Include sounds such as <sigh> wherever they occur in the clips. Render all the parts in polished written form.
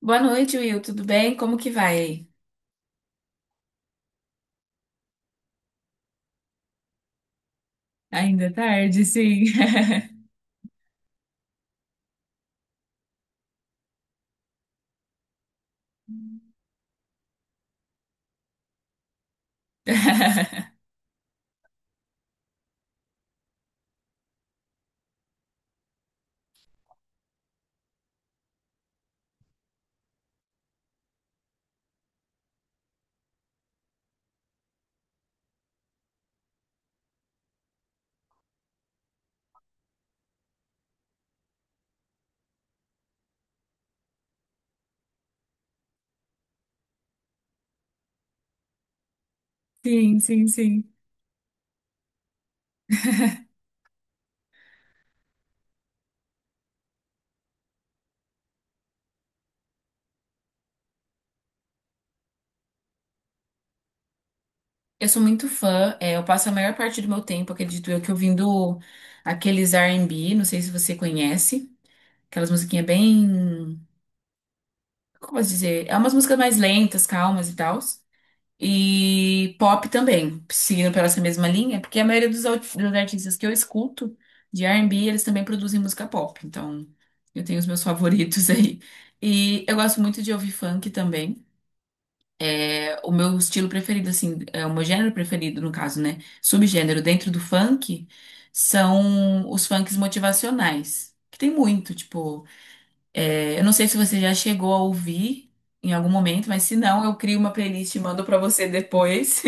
Boa noite, Will. Tudo bem? Como que vai aí? Ainda é tarde, sim. <laughs> Sim, sim, sim. Eu sou muito fã. Eu passo a maior parte do meu tempo, acredito eu, que ouvindo aqueles R&B. Não sei se você conhece. Aquelas musiquinhas bem... Como eu posso dizer? É umas músicas mais lentas, calmas e tal. E pop também, seguindo pela essa mesma linha, porque a maioria dos artistas que eu escuto de R&B, eles também produzem música pop. Então, eu tenho os meus favoritos <laughs> aí. E eu gosto muito de ouvir funk também. É, o meu estilo preferido, assim, é o meu gênero preferido, no caso, né? Subgênero dentro do funk são os funks motivacionais, que tem muito, tipo, eu não sei se você já chegou a ouvir em algum momento, mas se não, eu crio uma playlist e mando pra você depois.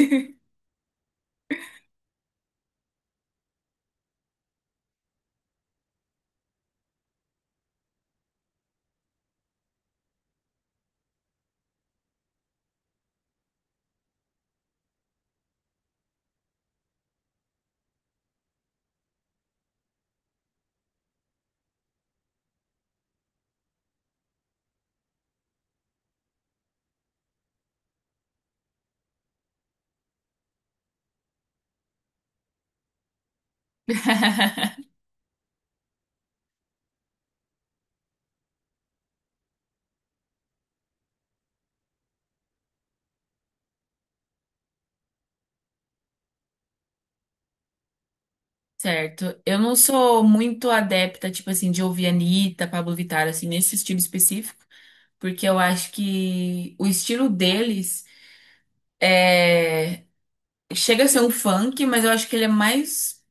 <laughs> Certo. Eu não sou muito adepta, tipo assim, de ouvir Anitta, Pablo Vittar, assim, nesse estilo específico, porque eu acho que o estilo deles chega a ser um funk, mas eu acho que ele é mais.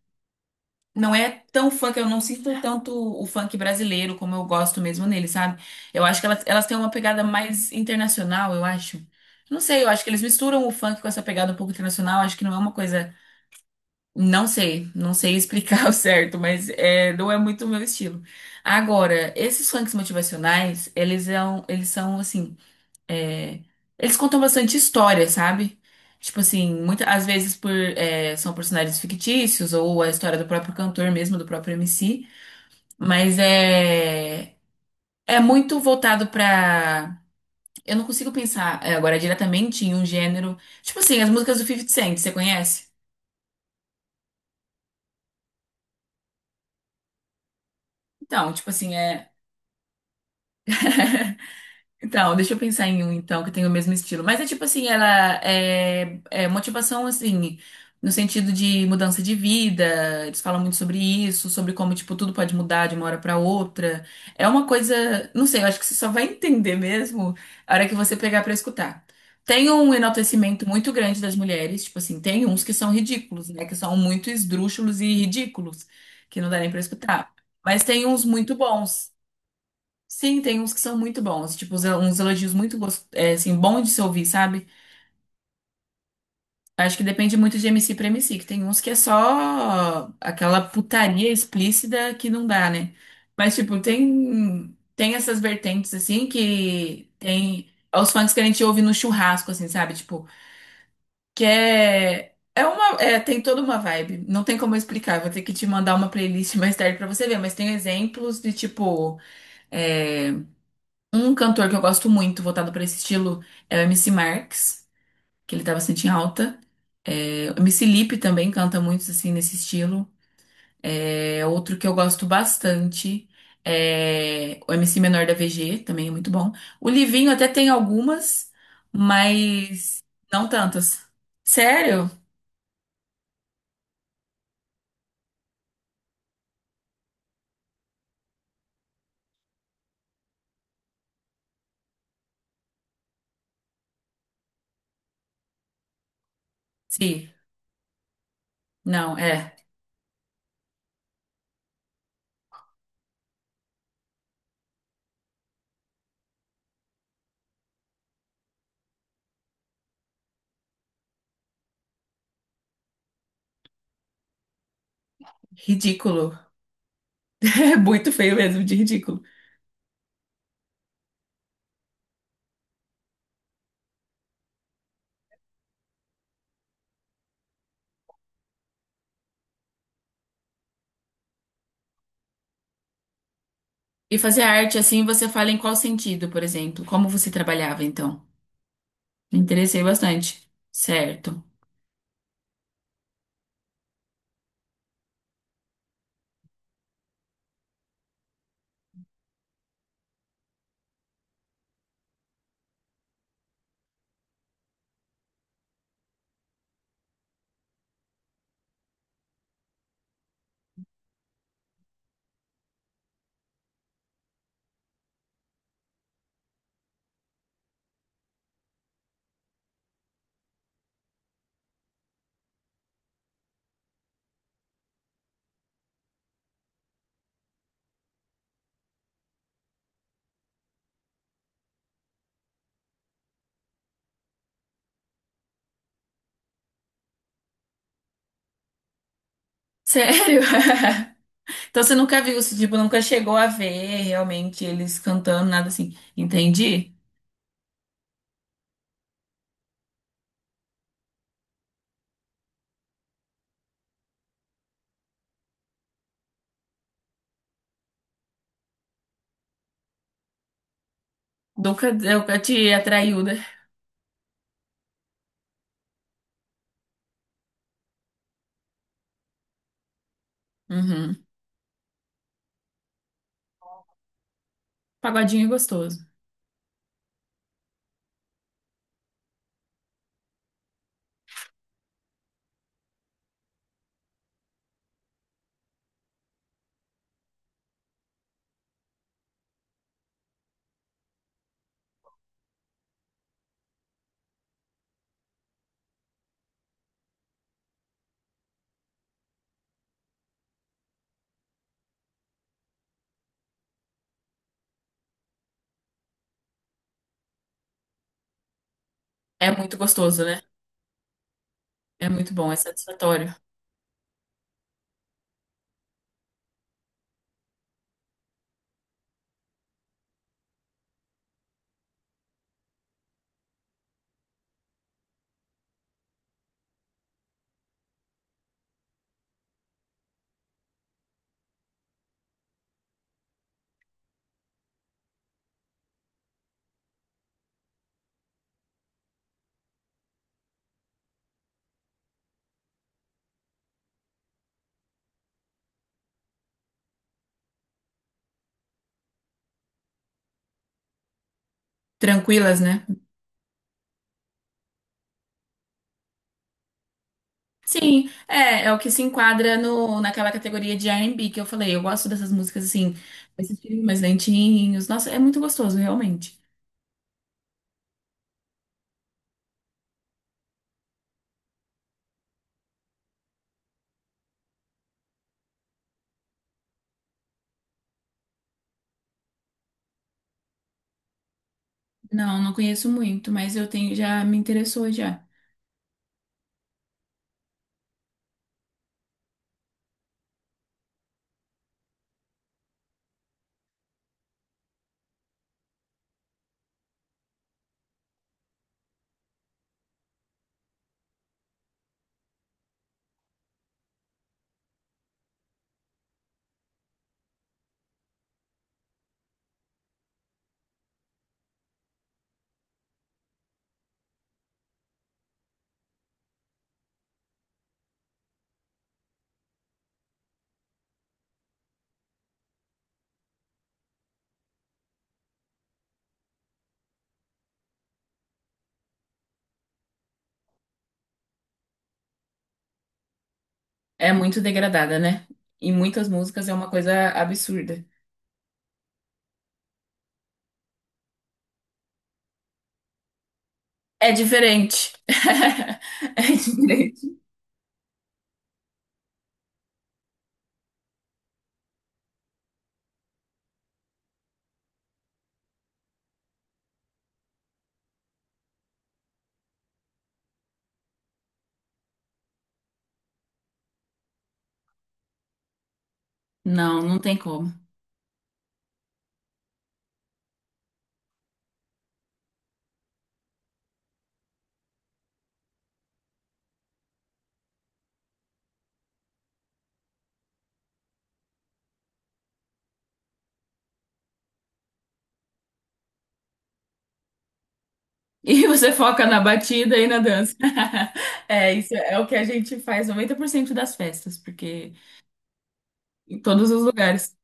Não é tão funk, eu não sinto tanto o funk brasileiro como eu gosto mesmo nele, sabe? Eu acho que elas têm uma pegada mais internacional, eu acho. Não sei, eu acho que eles misturam o funk com essa pegada um pouco internacional, acho que não é uma coisa. Não sei, não sei explicar <laughs> o certo, mas é, não é muito o meu estilo. Agora, esses funks motivacionais, eles são assim, é, eles contam bastante história, sabe? Tipo assim, muitas às vezes por, são personagens fictícios ou a história do próprio cantor mesmo, do próprio MC, mas é muito voltado pra. Eu não consigo pensar agora diretamente em um gênero. Tipo assim, as músicas do 50 Cent, você conhece? Então, tipo assim, é. Então, deixa eu pensar em um, então, que tem o mesmo estilo. Mas é tipo assim, ela é motivação, assim, no sentido de mudança de vida. Eles falam muito sobre isso, sobre como, tipo, tudo pode mudar de uma hora pra outra. É uma coisa, não sei, eu acho que você só vai entender mesmo a hora que você pegar pra escutar. Tem um enaltecimento muito grande das mulheres, tipo assim, tem uns que são ridículos, né? Que são muito esdrúxulos e ridículos, que não dá nem pra escutar. Mas tem uns muito bons. Sim, tem uns que são muito bons, tipo, uns elogios muito assim, bom de se ouvir, sabe? Acho que depende muito de MC pra MC, que tem uns que é só aquela putaria explícita que não dá, né? Mas, tipo, tem essas vertentes, assim, que tem os fãs que a gente ouve no churrasco, assim, sabe? Tipo, que é, é uma, é, tem toda uma vibe, não tem como eu explicar, vou ter que te mandar uma playlist <laughs> mais tarde pra você ver, mas tem exemplos de, tipo, é, um cantor que eu gosto muito, voltado para esse estilo, é o MC Marx, que ele tá bastante em alta. É, o MC Lipe também canta muito assim nesse estilo. É, outro que eu gosto bastante é o MC Menor da VG, também é muito bom. O Livinho até tem algumas, mas não tantas. Sério? Sim. Não, é ridículo. <laughs> É muito feio mesmo, de ridículo. E fazer arte assim, você fala em qual sentido, por exemplo? Como você trabalhava então? Me interessei bastante. Certo. Sério? <laughs> Então você nunca viu, você, tipo, nunca chegou a ver realmente eles cantando, nada assim. Entendi. Nunca, nunca te atraiu, né? Uhum. Pagodinho é gostoso. É muito gostoso, né? É muito bom, é satisfatório. Tranquilas, né? Sim, é, é o que se enquadra no, naquela categoria de R&B que eu falei. Eu gosto dessas músicas assim, esses filmes mais lentinhos. Nossa, é muito gostoso, realmente. Não, não conheço muito, mas eu tenho, já me interessou já. É muito degradada, né? Em muitas músicas é uma coisa absurda. É diferente. <laughs> É diferente. Não, não tem como. E você foca na batida e na dança. <laughs> É, isso é o que a gente faz 90% das festas, porque em todos os lugares.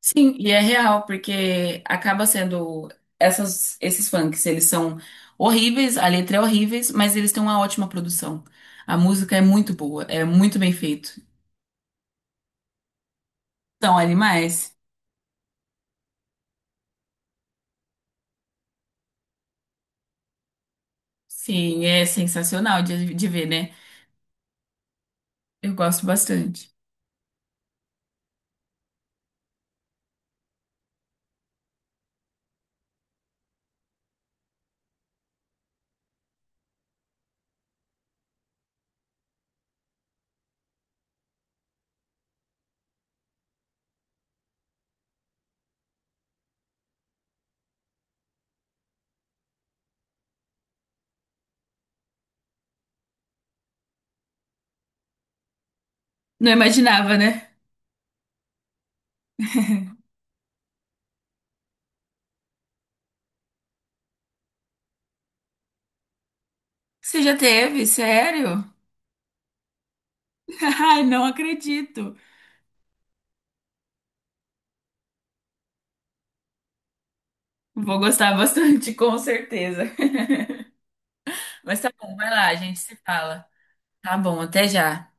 Sim, e é real, porque acaba sendo esses funks, eles são horríveis, a letra é horríveis, mas eles têm uma ótima produção. A música é muito boa, é muito bem feito. São animais. Sim, é sensacional de ver, né? Eu gosto bastante. Não imaginava, né? Você já teve? Sério? <laughs> Ai, não acredito. Vou gostar bastante, com certeza. <laughs> Mas tá bom, vai lá, a gente se fala. Tá bom, até já.